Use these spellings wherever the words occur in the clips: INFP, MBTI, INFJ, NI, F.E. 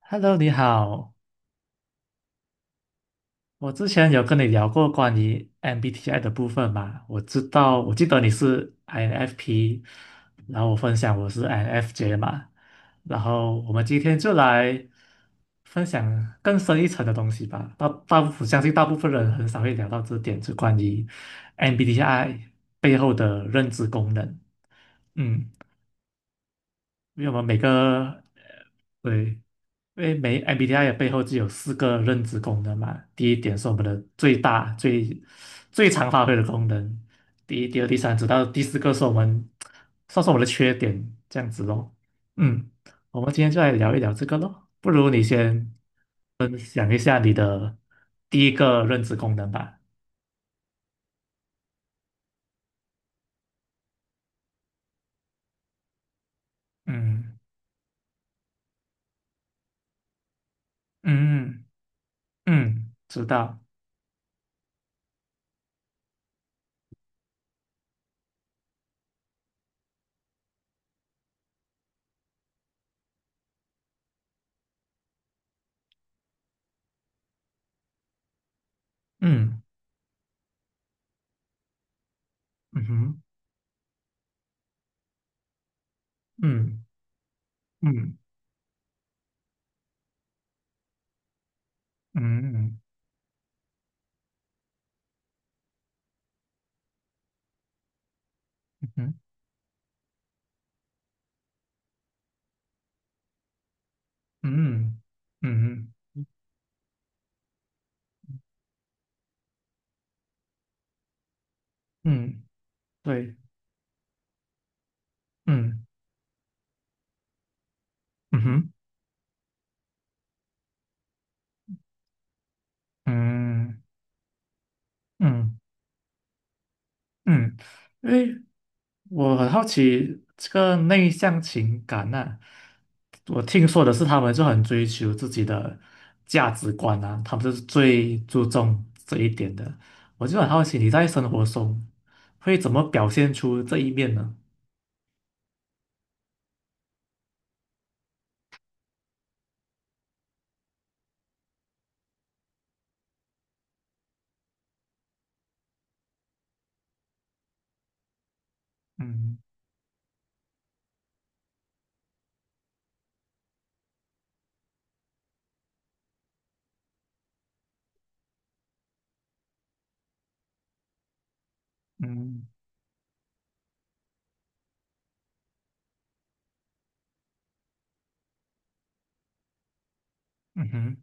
Hello，你好。我之前有跟你聊过关于 MBTI 的部分嘛？我知道，我记得你是 INFP，然后我分享我是 INFJ 嘛。然后我们今天就来分享更深一层的东西吧。大大部分相信大部分人很少会聊到这点，就关于 MBTI 背后的认知功能。嗯，因为我们每个呃对，因为每 MBTI 的背后只有四个认知功能嘛。第一点是我们的最大、最常发挥的功能，第一、第二、第三，直到第四个是我们算是我们的缺点，这样子咯。嗯，我们今天就来聊一聊这个咯。不如你先分享一下你的第一个认知功能吧。嗯嗯嗯，嗯知道。嗯嗯哼嗯嗯嗯嗯嗯。嗯嗯嗯，嗯对，嗯嗯哼，嗯嗯嗯，因为我很好奇这个内向情感呐、我听说的是他们就很追求自己的价值观啊，他们就是最注重这一点的。我就很好奇你在生活中会怎么表现出这一面呢？嗯嗯嗯哼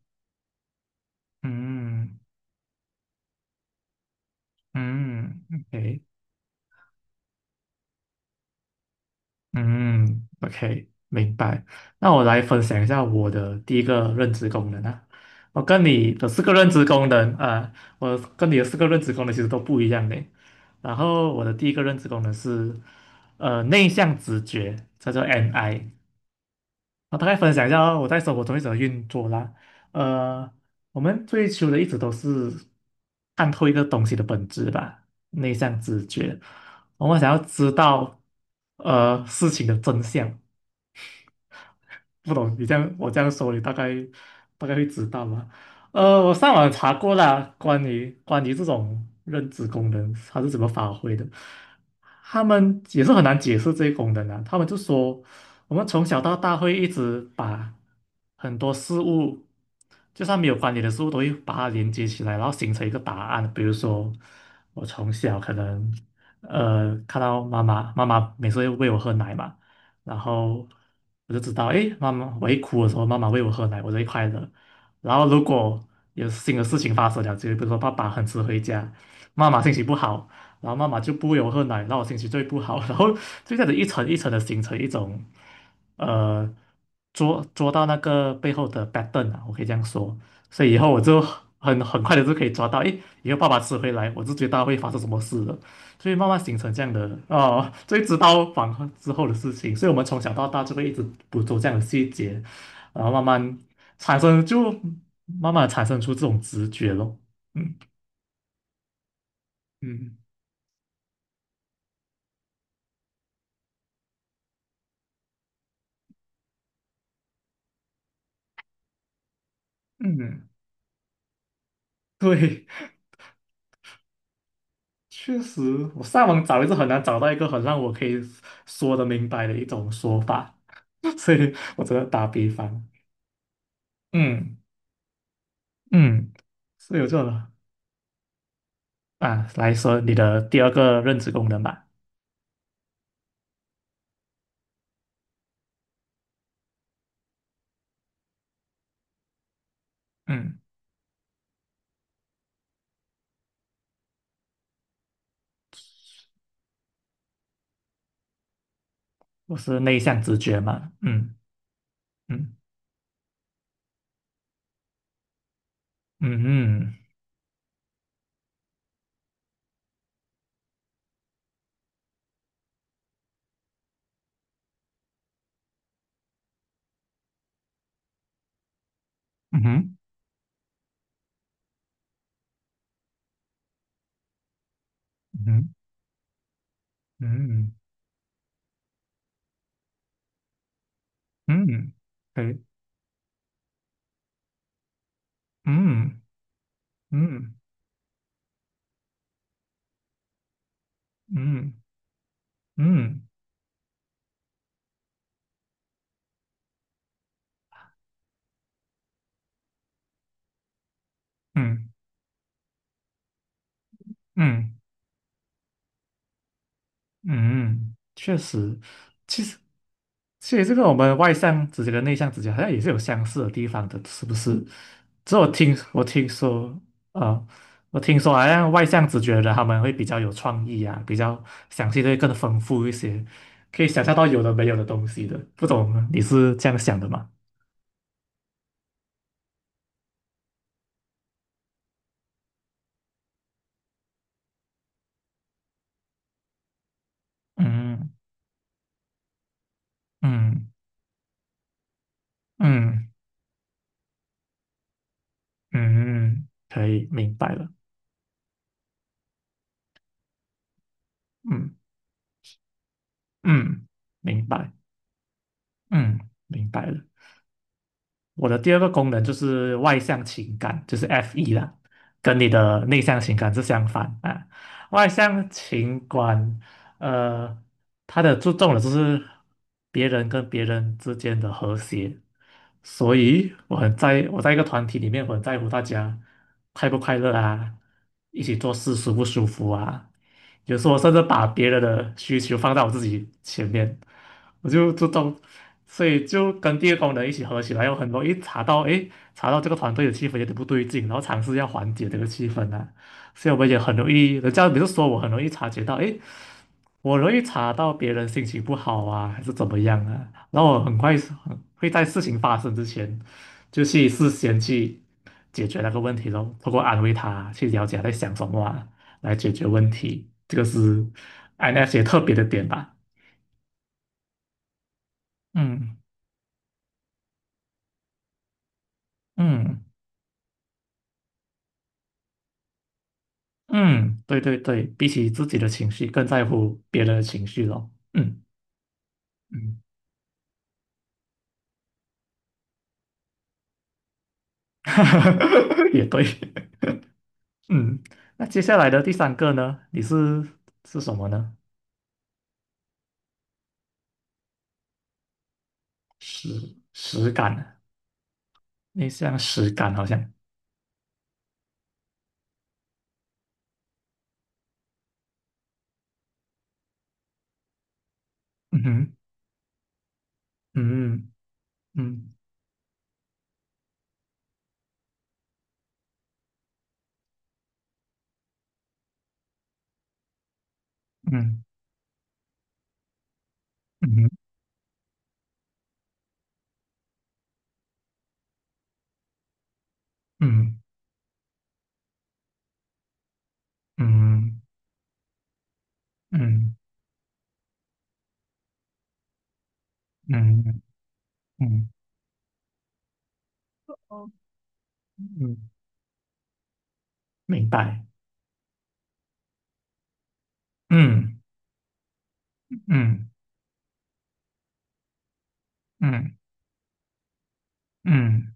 嗯嗯，OK，嗯，OK，明白。那我来分享一下我的第一个认知功能啊。我跟你的四个认知功能啊，我跟你的四个认知功能其实都不一样的。然后我的第一个认知功能是，内向直觉，叫做 NI。我大概分享一下哦我在生活中一直的运作啦。呃，我们追求的一直都是看透一个东西的本质吧，内向直觉。我们想要知道事情的真相，不懂你这样我这样说，你大概会知道吗？我上网查过啦，关于这种认知功能它是怎么发挥的，他们也是很难解释这些功能啊。他们就说，我们从小到大会一直把很多事物，就算没有关联的事物，都会把它连接起来，然后形成一个答案。比如说，我从小可能看到妈妈，妈妈每次会喂我喝奶嘛。然后我就知道，诶，妈妈，我一哭的时候，妈妈喂我喝奶，我就会快乐。然后如果有新的事情发生了，就比如说爸爸很迟回家，妈妈心情不好，然后妈妈就不喂我喝奶，那我心情就会不好，然后就这样子一层一层的形成一种，呃，捉到那个背后的 pattern 啊，我可以这样说。所以以后我就很快的就可以抓到，诶，以后爸爸迟回来，我就知道会发生什么事了。所以慢慢形成这样的哦，所以知道反抗之后的事情，所以我们从小到大就会一直捕捉这样的细节，然后慢慢产生，就慢慢地产生出这种直觉咯。嗯嗯嗯，对，确实，我上网找也是很难找到一个很让我可以说得明白的一种说法，所以我只能打比方。嗯嗯，所以我就啊来说你的第二个认知功能吧。嗯，我是内向直觉嘛。嗯。嗯嗯嗯嗯哼嗯哼嗯嗯，可以，嗯嗯嗯嗯嗯嗯嗯，确实，其实其实这个我们外向直觉跟内向直觉好像也是有相似的地方的，是不是？这啊、我听说好像外向直觉的他们会比较有创意啊，比较想象力更丰富一些，可以想象到有的没有的东西的，不懂你是这样想的吗？嗯。嗯嗯嗯，嗯可以，明白了。嗯嗯，明白，嗯，明白了。我的第二个功能就是外向情感，就是 F.E 啦，跟你的内向情感是相反啊。外向情感，呃，它的注重的就是别人跟别人之间的和谐，所以我很在我在一个团体里面，我很在乎大家快不快乐啊，一起做事舒不舒服啊。有时候我甚至把别人的需求放到我自己前面，我就当，所以就跟第二功能一起合起来，有很容易查到，诶，查到这个团队的气氛有点不对劲，然后尝试要缓解这个气氛啊。所以我们也很容易，人家比如说我很容易察觉到，诶，我容易查到别人心情不好啊，还是怎么样啊，然后我很快是很会在事情发生之前，就去事先去解决那个问题咯，通过安慰他，去了解他在想什么啊，来解决问题，这个是 INFJ 特别的点吧，嗯嗯。嗯，对对对，比起自己的情绪，更在乎别人的情绪咯。嗯嗯，也对。嗯，那接下来的第三个呢？你是什么呢？实感啊，内向实感好像。嗯哼，嗯嗯嗯嗯嗯嗯嗯嗯嗯哦，嗯，明白。嗯嗯嗯嗯，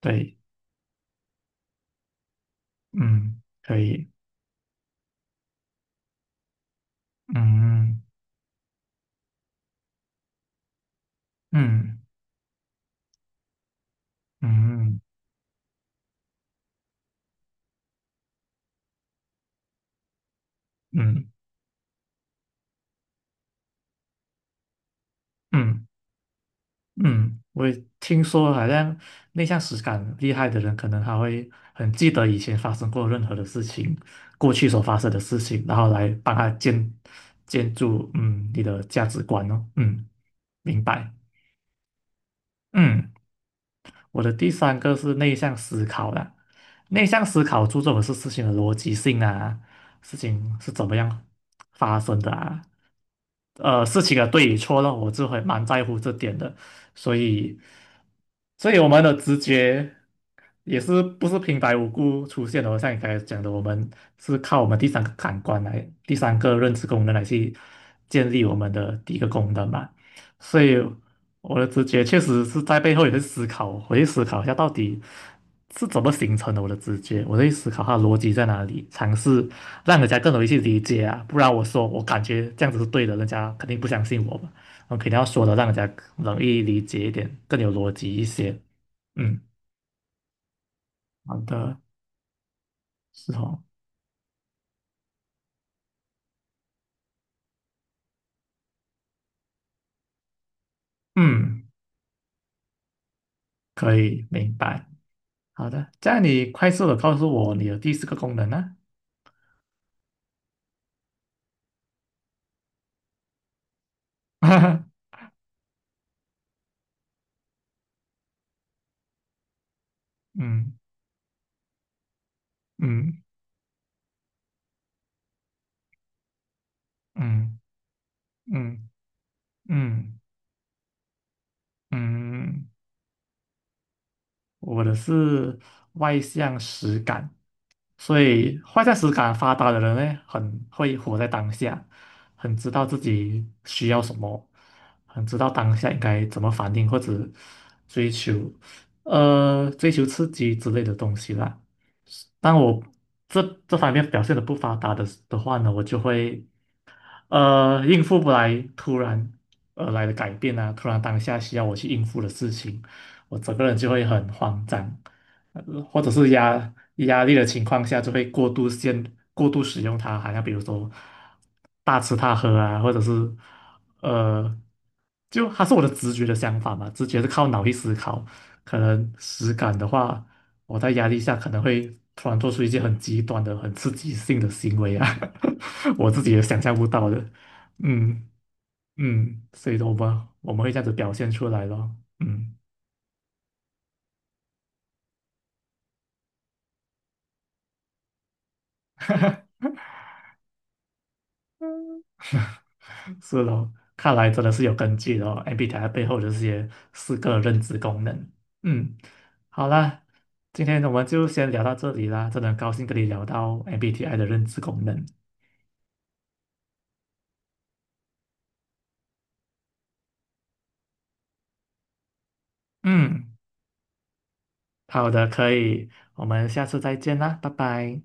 对，嗯，可以。嗯嗯。嗯嗯嗯嗯，我也听说好像内向实感厉害的人，可能他会很记得以前发生过任何的事情，过去所发生的事情，然后来帮他建筑嗯你的价值观哦。嗯，明白。嗯，我的第三个是内向思考啦，内向思考注重的是事情的逻辑性啊，事情是怎么样发生的啊，事情的对与错了，我就会蛮在乎这点的，所以，所以我们的直觉也是不是平白无故出现的哦，像你刚才讲的，我们是靠我们第三个感官来，第三个认知功能来去建立我们的第一个功能嘛，所以。我的直觉确实是在背后也会思考，我去思考一下到底是怎么形成的我的直觉，我会思考它的逻辑在哪里，尝试让人家更容易去理解啊，不然我说我感觉这样子是对的，人家肯定不相信我嘛，我肯定要说的让人家容易理解一点，更有逻辑一些。嗯，好的，是哦，嗯，可以明白。好的，这样你快速的告诉我你的第四个功能呢、嗯嗯嗯嗯嗯嗯嗯。我的是外向实感，所以外向实感发达的人呢，很会活在当下，很知道自己需要什么，很知道当下应该怎么反应或者追求，追求刺激之类的东西啦。但我这这方面表现的不发达的话呢，我就会。应付不来突然而来的改变啊，突然当下需要我去应付的事情，我整个人就会很慌张，或者是压力的情况下，就会过度使用它，好像比如说大吃大喝啊，或者是呃，就它是我的直觉的想法嘛，直觉是靠脑力思考，可能实感的话。我在压力下可能会突然做出一些很极端的、很刺激性的行为啊，我自己也想象不到的。嗯嗯，所以说我们会这样子表现出来咯。嗯，是咯，看来真的是有根据的哦，MBTI 背后的这些四个认知功能。嗯，好啦，今天我们就先聊到这里啦，真的很高兴跟你聊到 MBTI 的认知功能。嗯，好的，可以，我们下次再见啦，拜拜。